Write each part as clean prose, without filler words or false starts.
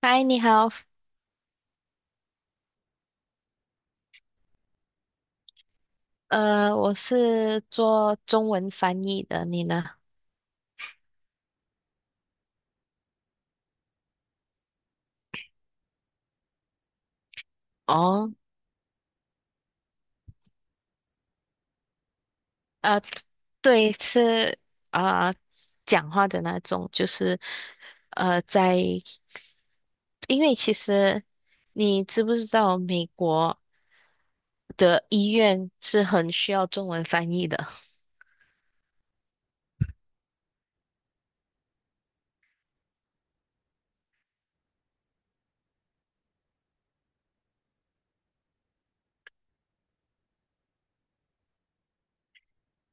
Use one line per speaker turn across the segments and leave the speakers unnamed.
嗨，你好，我是做中文翻译的，你呢？哦，呃，对，是啊呃，讲话的那种，就是在，因为其实你知不知道，美国的医院是很需要中文翻译的。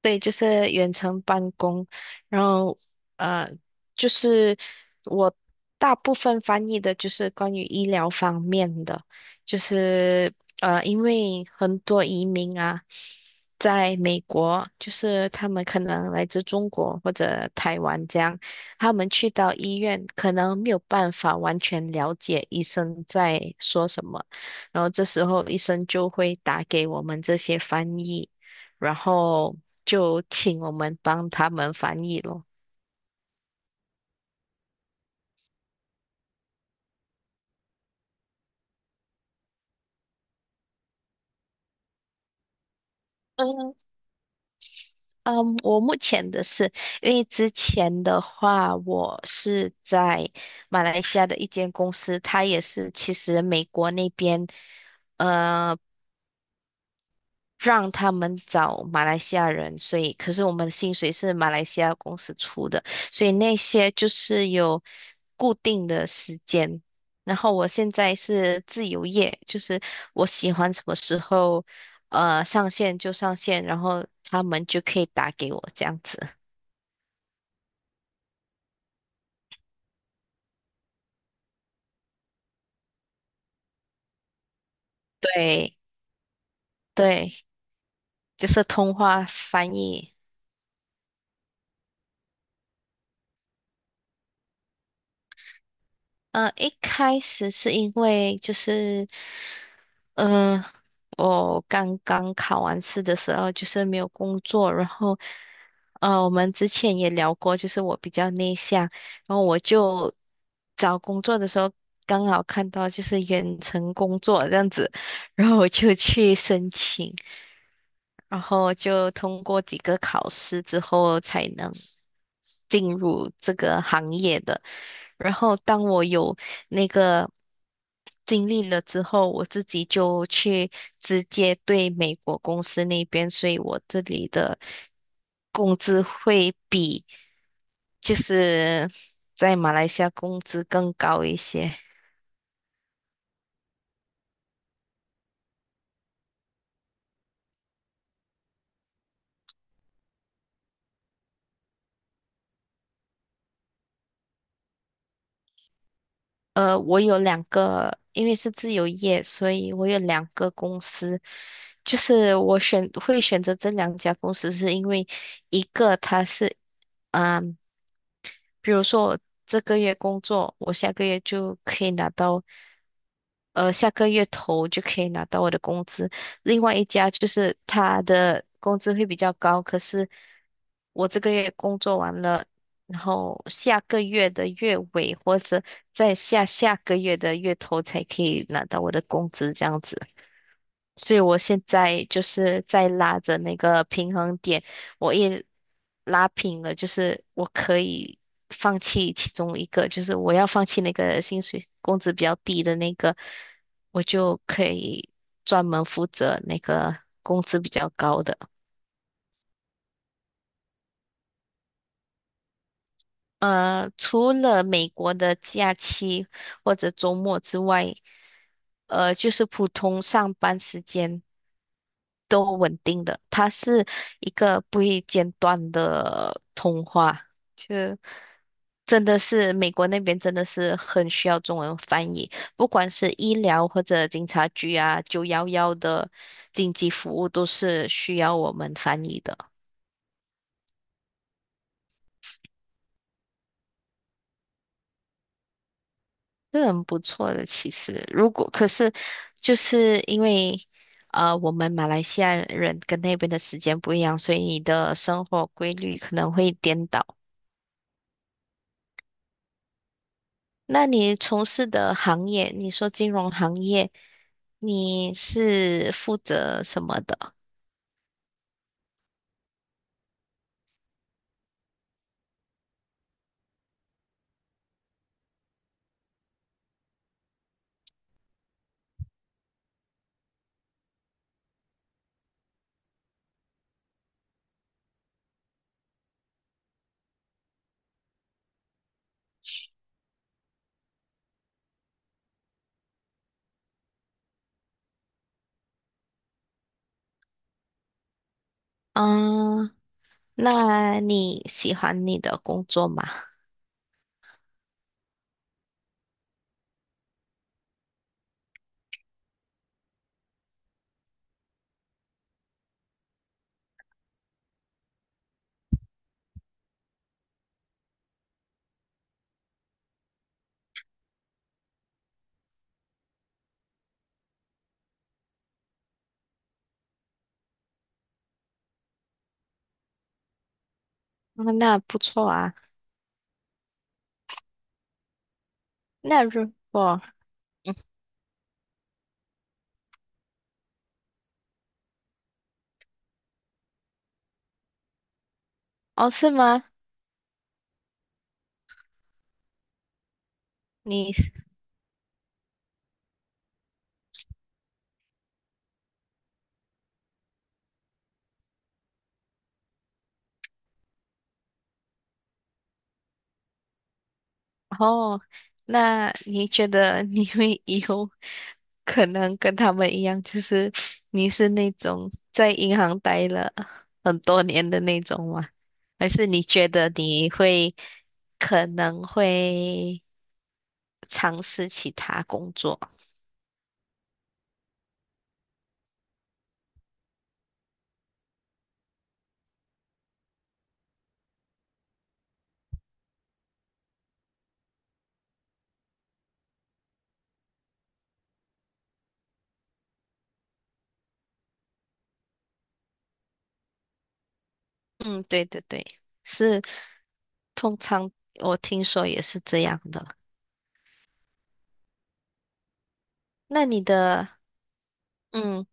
对，就是远程办公，然后呃，就是我大部分翻译的就是关于医疗方面的，就是因为很多移民啊，在美国，就是他们可能来自中国或者台湾这样，他们去到医院可能没有办法完全了解医生在说什么，然后这时候医生就会打给我们这些翻译。然后就请我们帮他们翻译咯。嗯嗯，我目前的是，因为之前的话，我是在马来西亚的一间公司，它也是其实美国那边。呃让他们找马来西亚人，所以可是我们的薪水是马来西亚公司出的，所以那些就是有固定的时间。然后我现在是自由业，就是我喜欢什么时候上线就上线，然后他们就可以打给我这样子。对对，就是通话翻译。一开始是因为就是嗯，我刚刚考完试的时候就是没有工作，然后，我们之前也聊过，就是我比较内向，然后我就找工作的时候刚好看到就是远程工作这样子，然后我就去申请，然后就通过几个考试之后才能进入这个行业的。然后当我有那个经历了之后，我自己就去直接对美国公司那边，所以我这里的工资会比就是在马来西亚工资更高一些。我有两个，因为是自由业，所以我有两个公司。就是我会选择这两家公司，是因为一个它是，嗯。比如说我这个月工作，我下个月就可以拿到，下个月头就可以拿到我的工资。另外一家就是他的工资会比较高，可是我这个月工作完了，然后下个月的月尾或者在下下个月的月头才可以拿到我的工资，这样子。所以我现在就是在拉着那个平衡点，我一拉平了，就是我可以放弃其中一个，就是我要放弃那个薪水工资比较低的那个，我就可以专门负责那个工资比较高的。除了美国的假期或者周末之外，就是普通上班时间都稳定的，它是一个不会间断的通话，就真的是美国那边真的是很需要中文翻译，不管是医疗或者警察局啊，911的紧急服务都是需要我们翻译的。是很不错的，其实如果可是就是因为我们马来西亚人跟那边的时间不一样，所以你的生活规律可能会颠倒。那你从事的行业，你说金融行业，你是负责什么的？嗯，那你喜欢你的工作吗？嗯那不错啊。那如果哦，是吗？你哦，那你觉得你会以后？可能跟他们一样，就是你是那种在银行待了很多年的那种吗？还是你觉得你会可能会尝试其他工作？嗯，对对对，是，通常我听说也是这样的。那你的，嗯，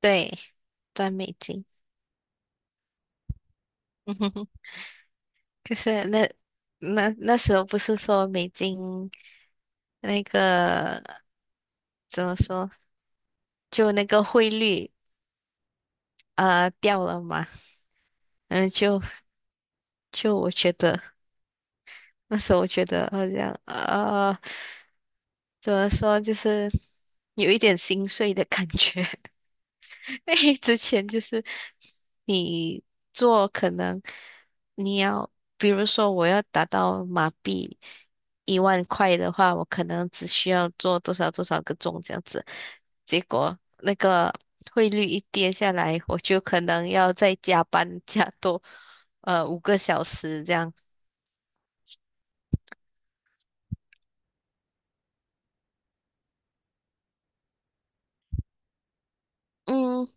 对，赚美金，嗯哼哼，可是那那时候不是说美金那个怎么说，就那个汇率。啊，掉了嘛，嗯，就我觉得那时候我觉得好像啊，怎么说，就是有一点心碎的感觉。之前就是你做可能你要，比如说我要达到马币10000块的话，我可能只需要做多少多少个钟这样子，结果那个汇率一跌下来，我就可能要再加班加多5个小时这样。嗯，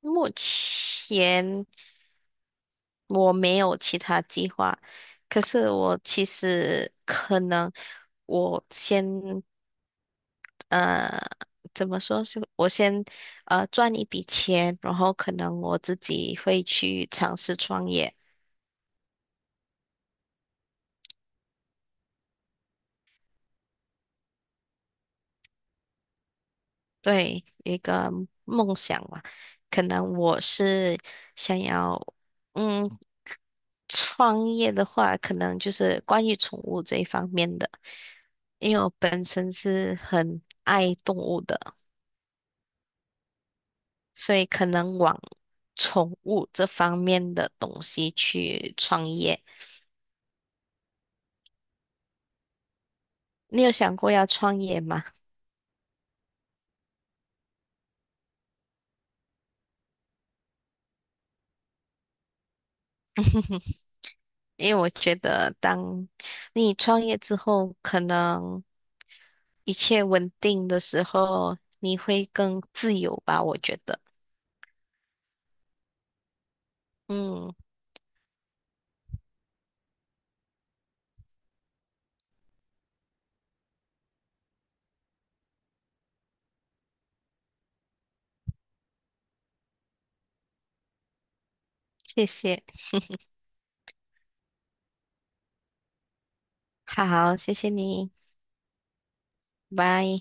目前我没有其他计划，可是我其实可能我先呃，怎么说是我先赚一笔钱，然后可能我自己会去尝试创业，对，一个梦想嘛。可能我是想要，嗯，创业的话，可能就是关于宠物这一方面的，因为我本身是很爱动物的，所以可能往宠物这方面的东西去创业。你有想过要创业吗？因为我觉得，当你创业之后，可能一切稳定的时候，你会更自由吧，我觉得。嗯，谢谢，好，谢谢你，拜。